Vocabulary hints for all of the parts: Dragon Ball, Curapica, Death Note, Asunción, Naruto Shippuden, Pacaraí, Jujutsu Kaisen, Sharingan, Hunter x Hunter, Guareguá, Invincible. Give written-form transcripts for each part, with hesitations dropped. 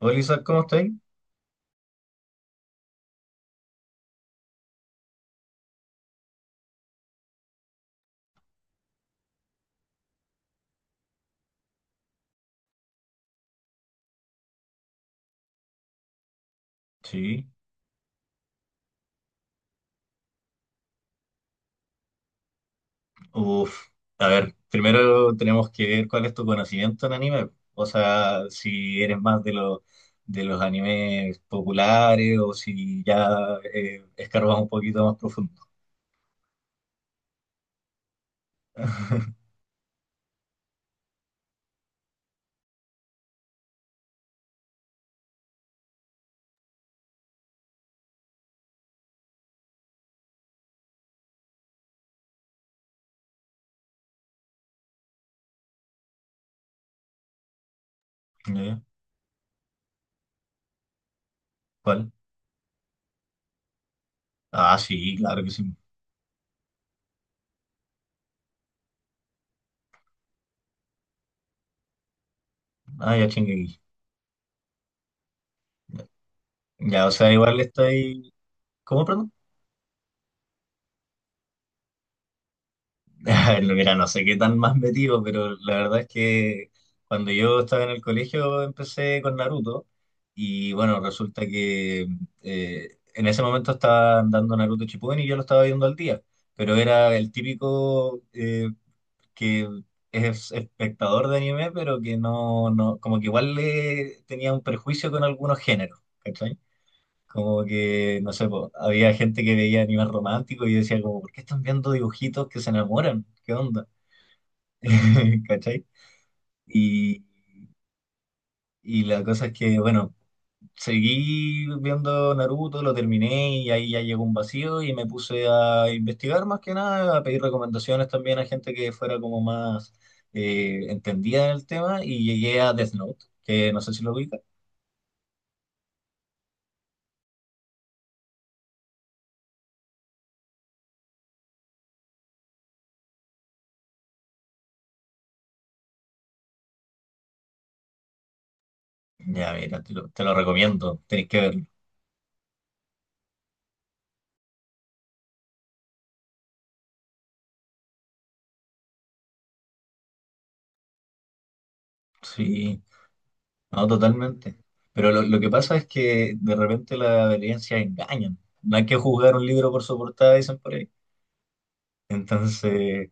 Hola Isaac, ¿cómo estáis? Sí. Uf. A ver, primero tenemos que ver cuál es tu conocimiento en anime. O sea, si eres más de los animes populares o si ya escarbas un poquito más profundo. ¿Ya? ¿Cuál? Ah, sí, claro que sí. Ah, ya chingueí. Ya, o sea, igual estáis. ¿Cómo, perdón? Mira, no sé qué tan más metido, pero la verdad es que cuando yo estaba en el colegio empecé con Naruto y bueno, resulta que en ese momento estaban dando Naruto Shippuden y yo lo estaba viendo al día, pero era el típico que es espectador de anime, pero que no, no, como que igual le tenía un prejuicio con algunos géneros, ¿cachai? Como que, no sé, po, había gente que veía anime romántico y yo decía como, ¿por qué están viendo dibujitos que se enamoran? ¿Qué onda? ¿Cachai? Y, y la cosa es que, bueno, seguí viendo Naruto, lo terminé y ahí ya llegó un vacío y me puse a investigar más que nada, a pedir recomendaciones también a gente que fuera como más entendida en el tema y llegué a Death Note, que no sé si lo ubica. Ya, mira, te lo recomiendo, tenéis que verlo. Sí, no, totalmente. Pero lo que pasa es que de repente las apariencias engañan. No hay que juzgar un libro por su portada, dicen por ahí. Entonces...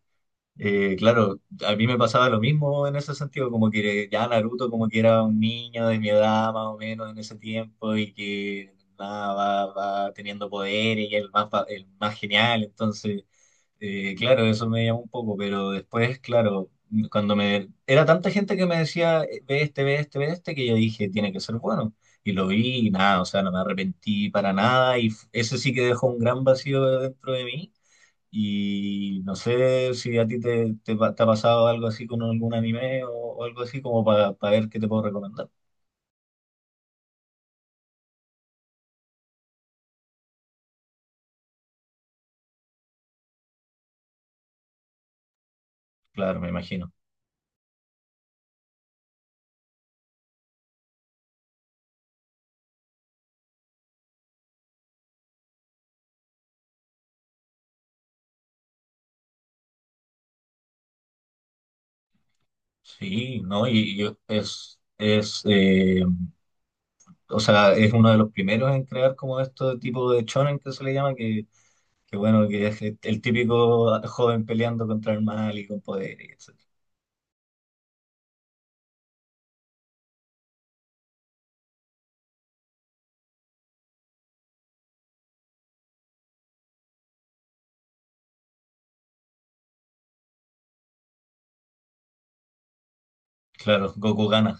Claro, a mí me pasaba lo mismo en ese sentido, como que ya Naruto como que era un niño de mi edad más o menos en ese tiempo y que nada, va, va teniendo poder y el más, el más genial, entonces, claro, eso me llamó un poco, pero después, claro, cuando me... Era tanta gente que me decía, ve este, ve este, ve este, que yo dije, tiene que ser bueno. Y lo vi y nada, o sea, no me arrepentí para nada y eso sí que dejó un gran vacío dentro de mí y no sé si a ti te ha pasado algo así con algún anime o algo así como para ver qué te puedo recomendar. Claro, me imagino. Sí, ¿no? Es o sea, es uno de los primeros en crear como este tipo de shonen que se le llama, que bueno, que es el típico joven peleando contra el mal y con poder, y etc. Claro, Goku gana.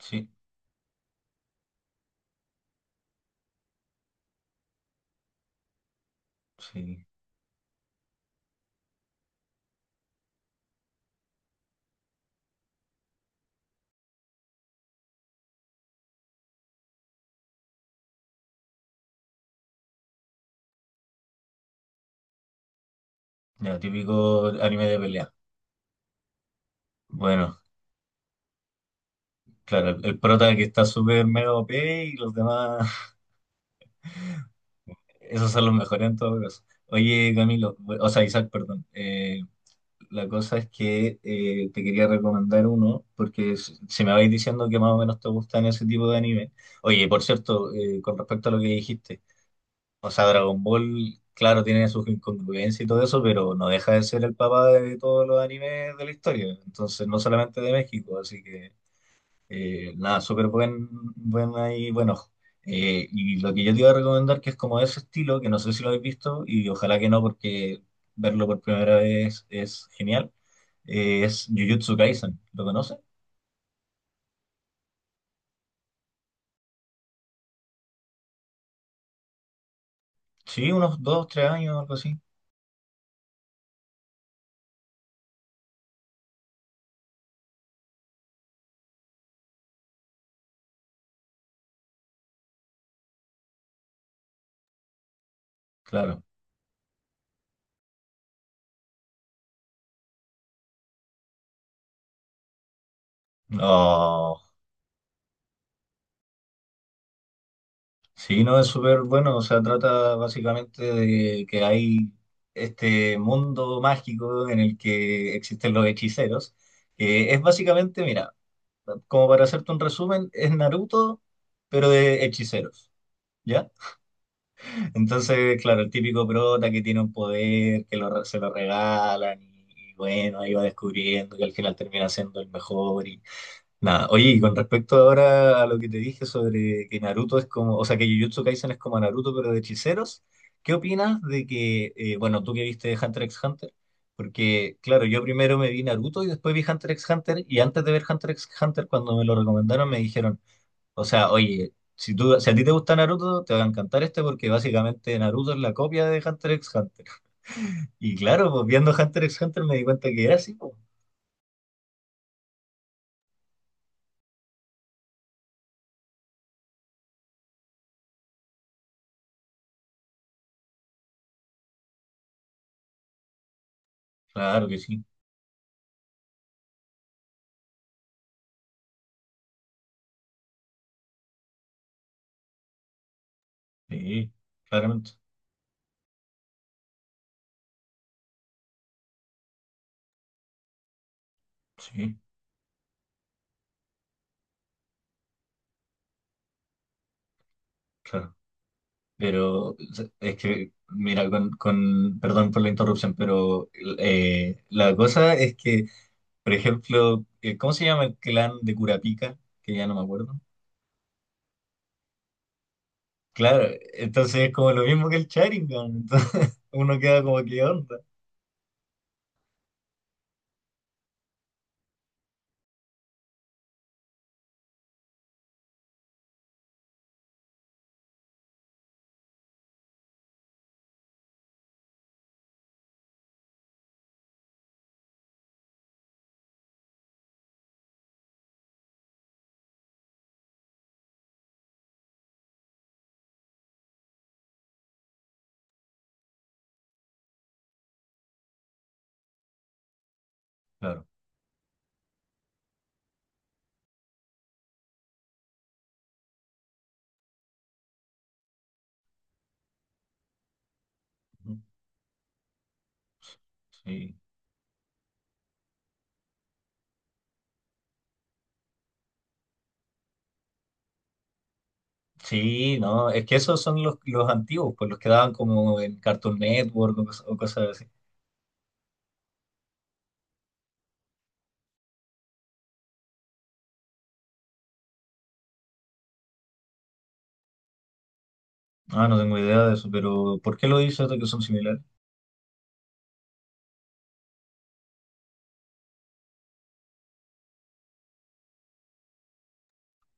Sí, sí. Ya, típico anime de pelea. Bueno, claro, el prota que está súper mega OP y los demás. Esos son los mejores en todo caso. Oye, Camilo, o sea, Isaac, perdón. Eh, la cosa es que te quería recomendar uno, porque si me vais diciendo que más o menos te gustan ese tipo de anime. Oye, por cierto, con respecto a lo que dijiste, o sea, Dragon Ball, claro, tiene sus incongruencias y todo eso, pero no deja de ser el papá de todos los animes de la historia, entonces no solamente de México, así que nada, súper buen, buen ahí, bueno. Y lo que yo te iba a recomendar, que es como de ese estilo, que no sé si lo habéis visto, y ojalá que no, porque verlo por primera vez es genial, es Jujutsu Kaisen. ¿Lo conoces? Sí, unos dos, tres años, algo así. Claro. No. Sí, no, es súper bueno. O sea, trata básicamente de que hay este mundo mágico en el que existen los hechiceros, que es básicamente, mira, como para hacerte un resumen, es Naruto, pero de hechiceros, ¿ya? Entonces, claro, el típico prota que tiene un poder, que se lo regalan y bueno, ahí va descubriendo que al final termina siendo el mejor y, nada, oye, y con respecto ahora a lo que te dije sobre que Naruto es como, o sea, que Jujutsu Kaisen es como Naruto, pero de hechiceros, ¿qué opinas de que, bueno, tú que viste Hunter x Hunter? Porque, claro, yo primero me vi Naruto y después vi Hunter x Hunter, y antes de ver Hunter x Hunter, cuando me lo recomendaron, me dijeron, o sea, oye, si tú, si a ti te gusta Naruto, te va a encantar este porque básicamente Naruto es la copia de Hunter x Hunter. Y claro, pues viendo Hunter x Hunter me di cuenta que era así, pues. Claro que sí, sí, claramente, sí, claro. Pero o sea, es que, mira, perdón por la interrupción, pero la cosa es que, por ejemplo, ¿cómo se llama el clan de Curapica? Que ya no me acuerdo. Claro, entonces es como lo mismo que el Sharingan, entonces uno queda como, ¿qué onda? Claro, ujú, sí. Sí, no, es que esos son los antiguos, pues los que daban como en Cartoon Network o, o cosas así. Ah, no tengo idea de eso, pero ¿por qué lo hizo esto que son similares?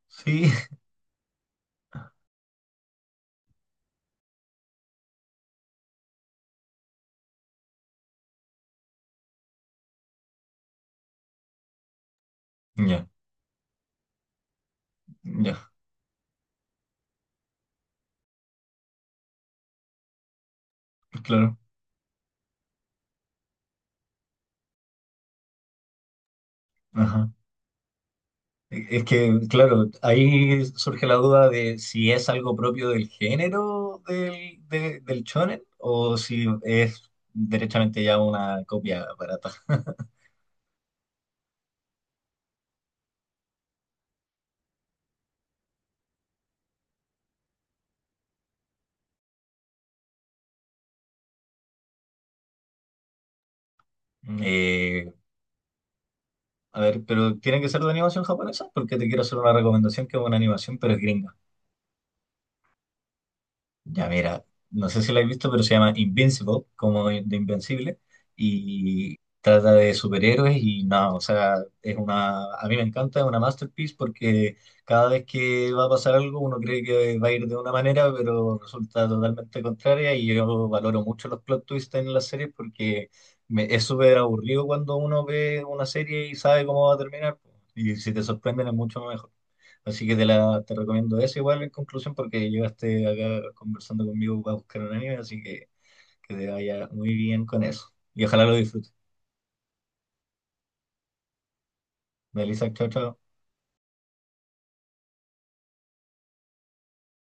Sí, ya, ya, claro. Ajá. Es que, claro, ahí surge la duda de si es algo propio del género del shonen o si es derechamente ya una copia barata. Eh, a ver, pero tiene que ser de animación japonesa porque te quiero hacer una recomendación que es una animación, pero es gringa. Ya mira, no sé si lo has visto, pero se llama Invincible, como de Invencible, y trata de superhéroes y no, o sea, es una, a mí me encanta, es una masterpiece porque cada vez que va a pasar algo uno cree que va a ir de una manera, pero resulta totalmente contraria y yo valoro mucho los plot twists en las series porque es súper aburrido cuando uno ve una serie y sabe cómo va a terminar y si te sorprenden es mucho mejor. Así que te recomiendo eso igual en conclusión porque llegaste acá conversando conmigo para buscar un anime, así que te vaya muy bien con eso. Y ojalá lo disfrutes. Melissa, chao, chao.